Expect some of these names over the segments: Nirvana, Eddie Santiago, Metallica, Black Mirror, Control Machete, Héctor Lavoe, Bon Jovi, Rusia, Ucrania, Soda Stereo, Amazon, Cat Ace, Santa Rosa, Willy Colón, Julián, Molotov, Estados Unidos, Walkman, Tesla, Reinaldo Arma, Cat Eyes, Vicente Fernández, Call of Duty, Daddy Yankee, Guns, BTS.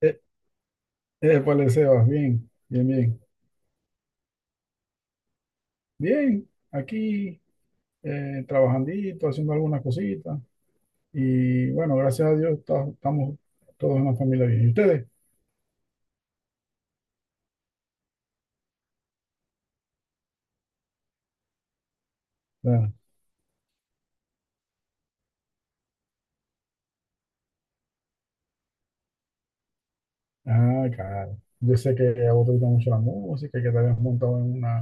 Eh, épale, Sebas, bien, bien, bien. Bien, aquí trabajandito, haciendo algunas cositas. Y bueno, gracias a Dios estamos todos en la familia bien. ¿Y ustedes? Ah, ah, claro. Yo sé que a vos te gusta mucho la música, y que te habías montado en, una,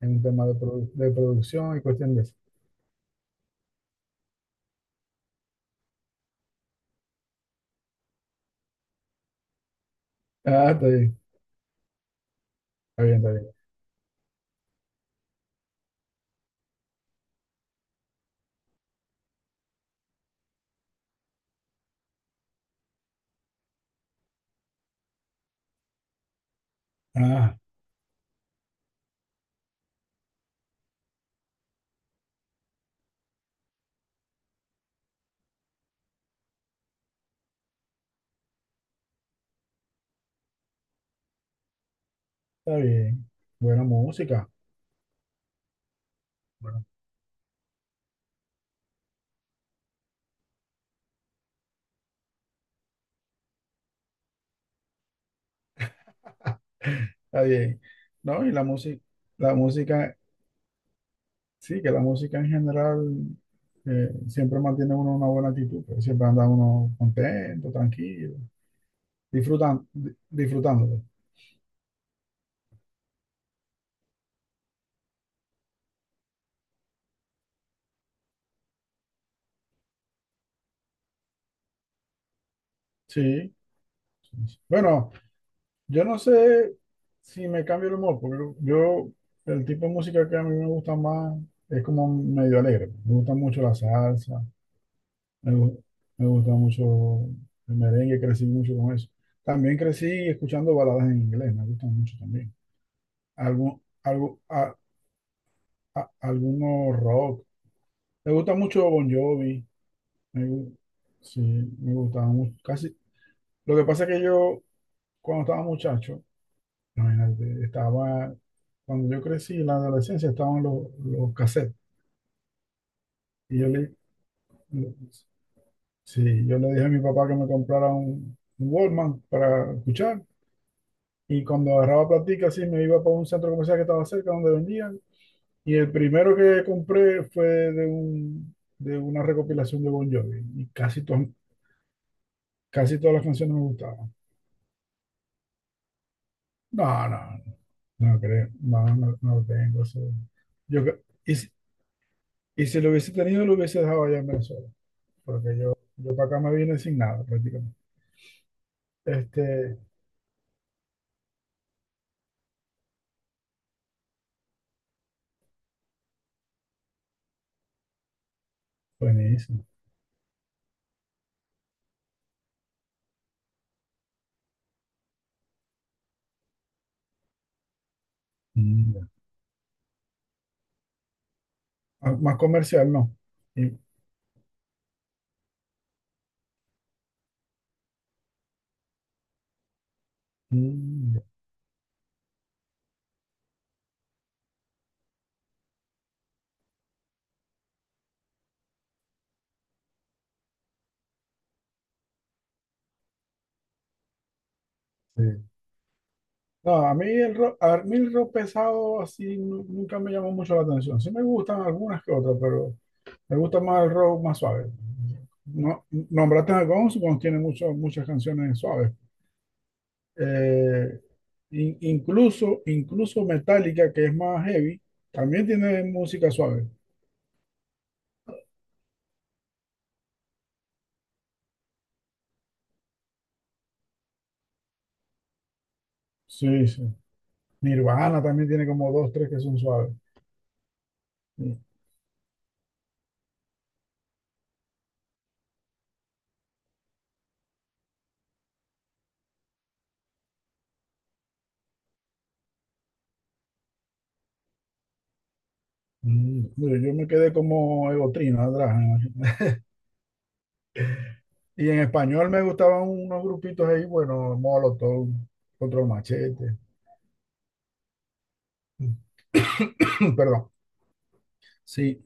en un tema de, de producción y cuestión de eso. Ah, está bien, está bien, está bien. Ah, está bien. Buena música. Bueno, está bien. No, y la música, sí, que la música en general. Siempre mantiene uno una buena actitud, pues, siempre anda uno contento, tranquilo, disfrutando, disfrutándolo. Sí. Bueno, yo no sé si me cambio el humor, porque yo, el tipo de música que a mí me gusta más es como medio alegre. Me gusta mucho la salsa, me, gu- me gusta mucho el merengue, crecí mucho con eso. También crecí escuchando baladas en inglés, me gustan mucho también. Algún, algo, a- Algunos rock. Me gusta mucho Bon Jovi. Me gu- sí, me gustaba mucho. Casi. Lo que pasa es que yo, cuando estaba muchacho, imagínate, estaba, cuando yo crecí en la adolescencia, estaban los cassettes. Y yo le, le- sí, yo le dije a mi papá que me comprara un Walkman para escuchar. Y cuando agarraba platica, así me iba para un centro comercial que estaba cerca donde vendían. Y el primero que compré fue de un, de una recopilación de Bon Jovi. Y casi, casi todas las canciones me gustaban. No, no, no. No creo, no, no, no tengo eso. Yo, cre- y si lo hubiese tenido, lo hubiese dejado allá en Venezuela, porque yo para acá me vine sin nada prácticamente. Este, buenísimo. Mm, ya. Ah, más comercial, no. Y- mm, ya, sí. No, a mí el rock, a mí el rock pesado así nunca me llamó mucho la atención. Sí me gustan algunas que otras, pero me gusta más el rock más suave. No, nombraste a Guns, Guns tiene muchas canciones suaves. Eh, Incluso Metallica, que es más heavy, también tiene música suave. Sí, sí. Nirvana también tiene como dos, tres que son suaves. Mm. Mm, yo me quedé como Egotrina atrás, ¿no? Y en español me gustaban unos grupitos ahí, bueno, Molotov, Control Machete. Perdón. Sí.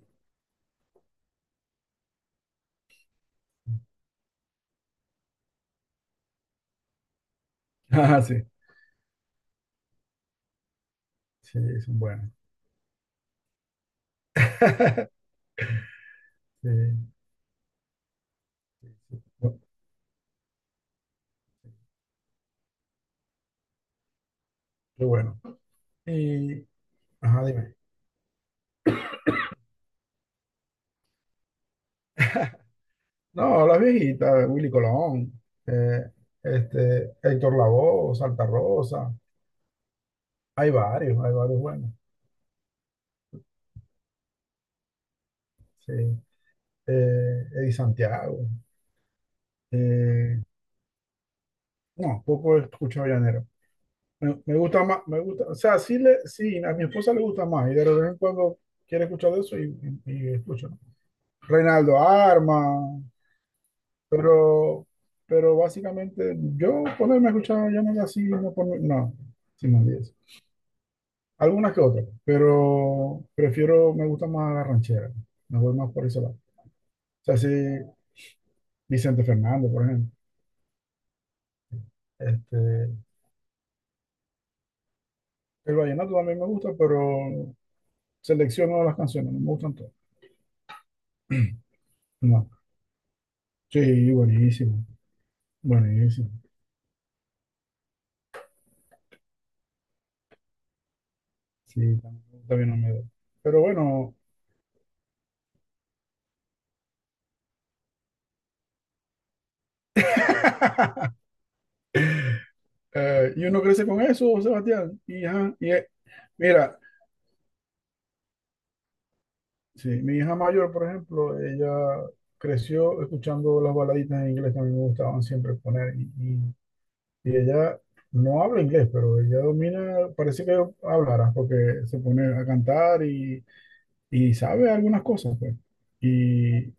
Ah, sí. Sí, son buenos. Sí, sí, sí. Qué bueno. Y, ajá, dime. No, las viejitas, Willy Colón, eh, Héctor Lavoe, Santa Rosa, hay varios buenos, sí. Eddie Santiago, eh, no, poco he escuchado llanero. Me gusta más, me gusta, o sea, sí, sí, a mi esposa le gusta más, y de vez en cuando quiere escuchar de eso y escucha. Reinaldo Arma, pero, pero básicamente yo ponerme a escuchar llanero así, no, por, no, sin más algunas que otras, pero prefiero, me gusta más la ranchera. Me voy más por ese lado. O sea, sí, Vicente Fernández, por ejemplo. Este, el vallenato también me gusta, pero selecciono las canciones, no me gustan todas. No. Sí, buenísimo, buenísimo. Sí, también me gusta bien Olmedo. Pero bueno, y uno crece con eso, Sebastián. Mira, sí, mi hija mayor, por ejemplo, ella creció escuchando las baladitas en inglés que a mí me gustaban siempre poner y ella no habla inglés, pero ella domina, parece que hablará porque se pone a cantar y sabe algunas cosas, pues. Y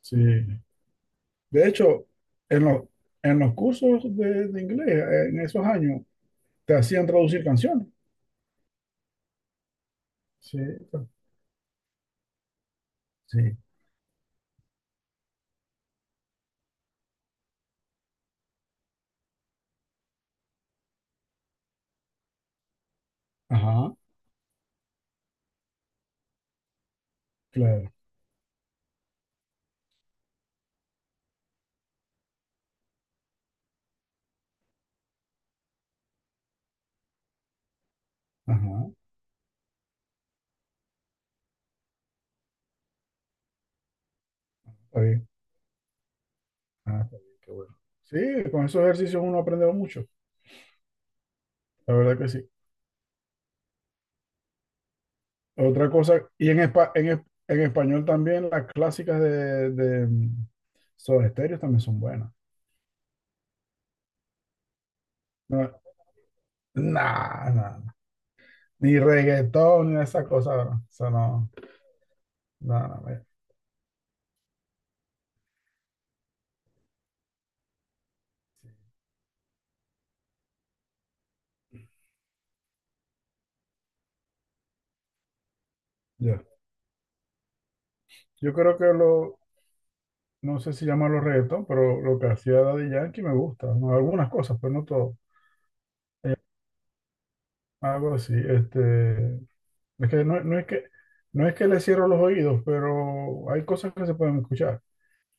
sí, de hecho, en en los cursos de inglés, en esos años, te hacían traducir canciones. Sí, sí, ajá, claro, ajá, está bien. Ah, qué bien, qué bueno. Sí, con esos ejercicios uno aprende mucho, la verdad que sí. Otra cosa, en español también las clásicas de, de Soda Stereo también son buenas. No, nah, nah, ni reggaetón ni esa cosa, bro. Eso no, no, no, ya. Yo creo que lo, no sé si llamarlo reggaetón, pero lo que hacía Daddy Yankee me gusta, ¿no? Algunas cosas, pero no todo. Eh, Algo así, este, es que no, no es que le cierro los oídos, pero hay cosas que se pueden escuchar,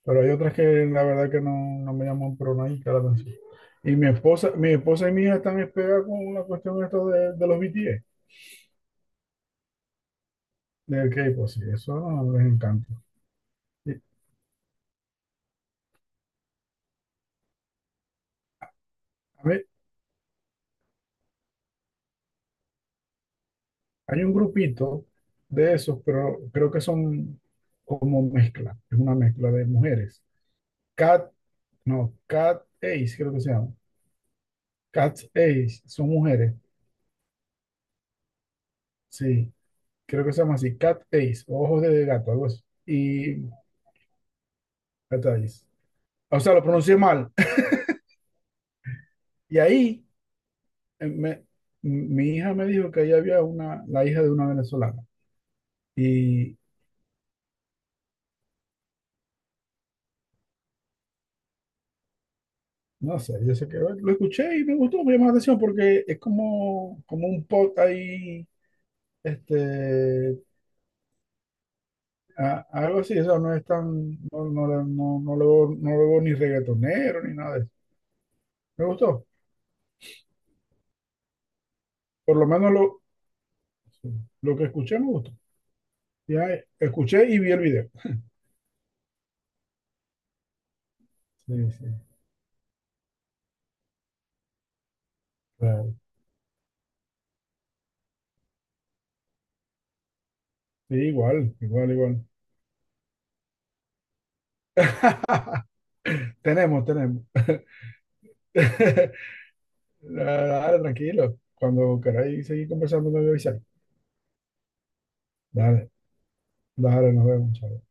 pero hay otras que la verdad que no, no me llaman pero nadie la atención. Y mi esposa y mi hija están pegadas con la cuestión esto de los BTS, del K-pop, sí, eso no, les encanta. Y, a ver, hay un grupito de esos, pero creo que son como mezcla, es una mezcla de mujeres. Cat, no, Cat Ace creo que se llama. Cat Ace son mujeres, sí. Creo que se llama así, Cat Eyes, o Ojos de Gato, algo así. Y Cat Eyes. O sea, lo pronuncié mal. Y ahí eh, me- mi hija me dijo que ahí había una, la hija de una venezolana. Y no sé, yo sé que bueno, lo escuché y me gustó, me llamó la atención porque es como, como un pot ahí, este, algo así, o sea, no es tan, no, no, no, no le veo, no le veo ni reggaetonero ni nada de eso. Me gustó, por lo menos lo, sí, lo que escuché me gustó. Ya Escuché y vi el video. Sí, sí, claro. Sí, igual, igual, igual. Tenemos, tenemos. Dale, dale, tranquilo. Cuando queráis seguir conversando, me voy a avisar. Dale, dale, nos vemos, chao.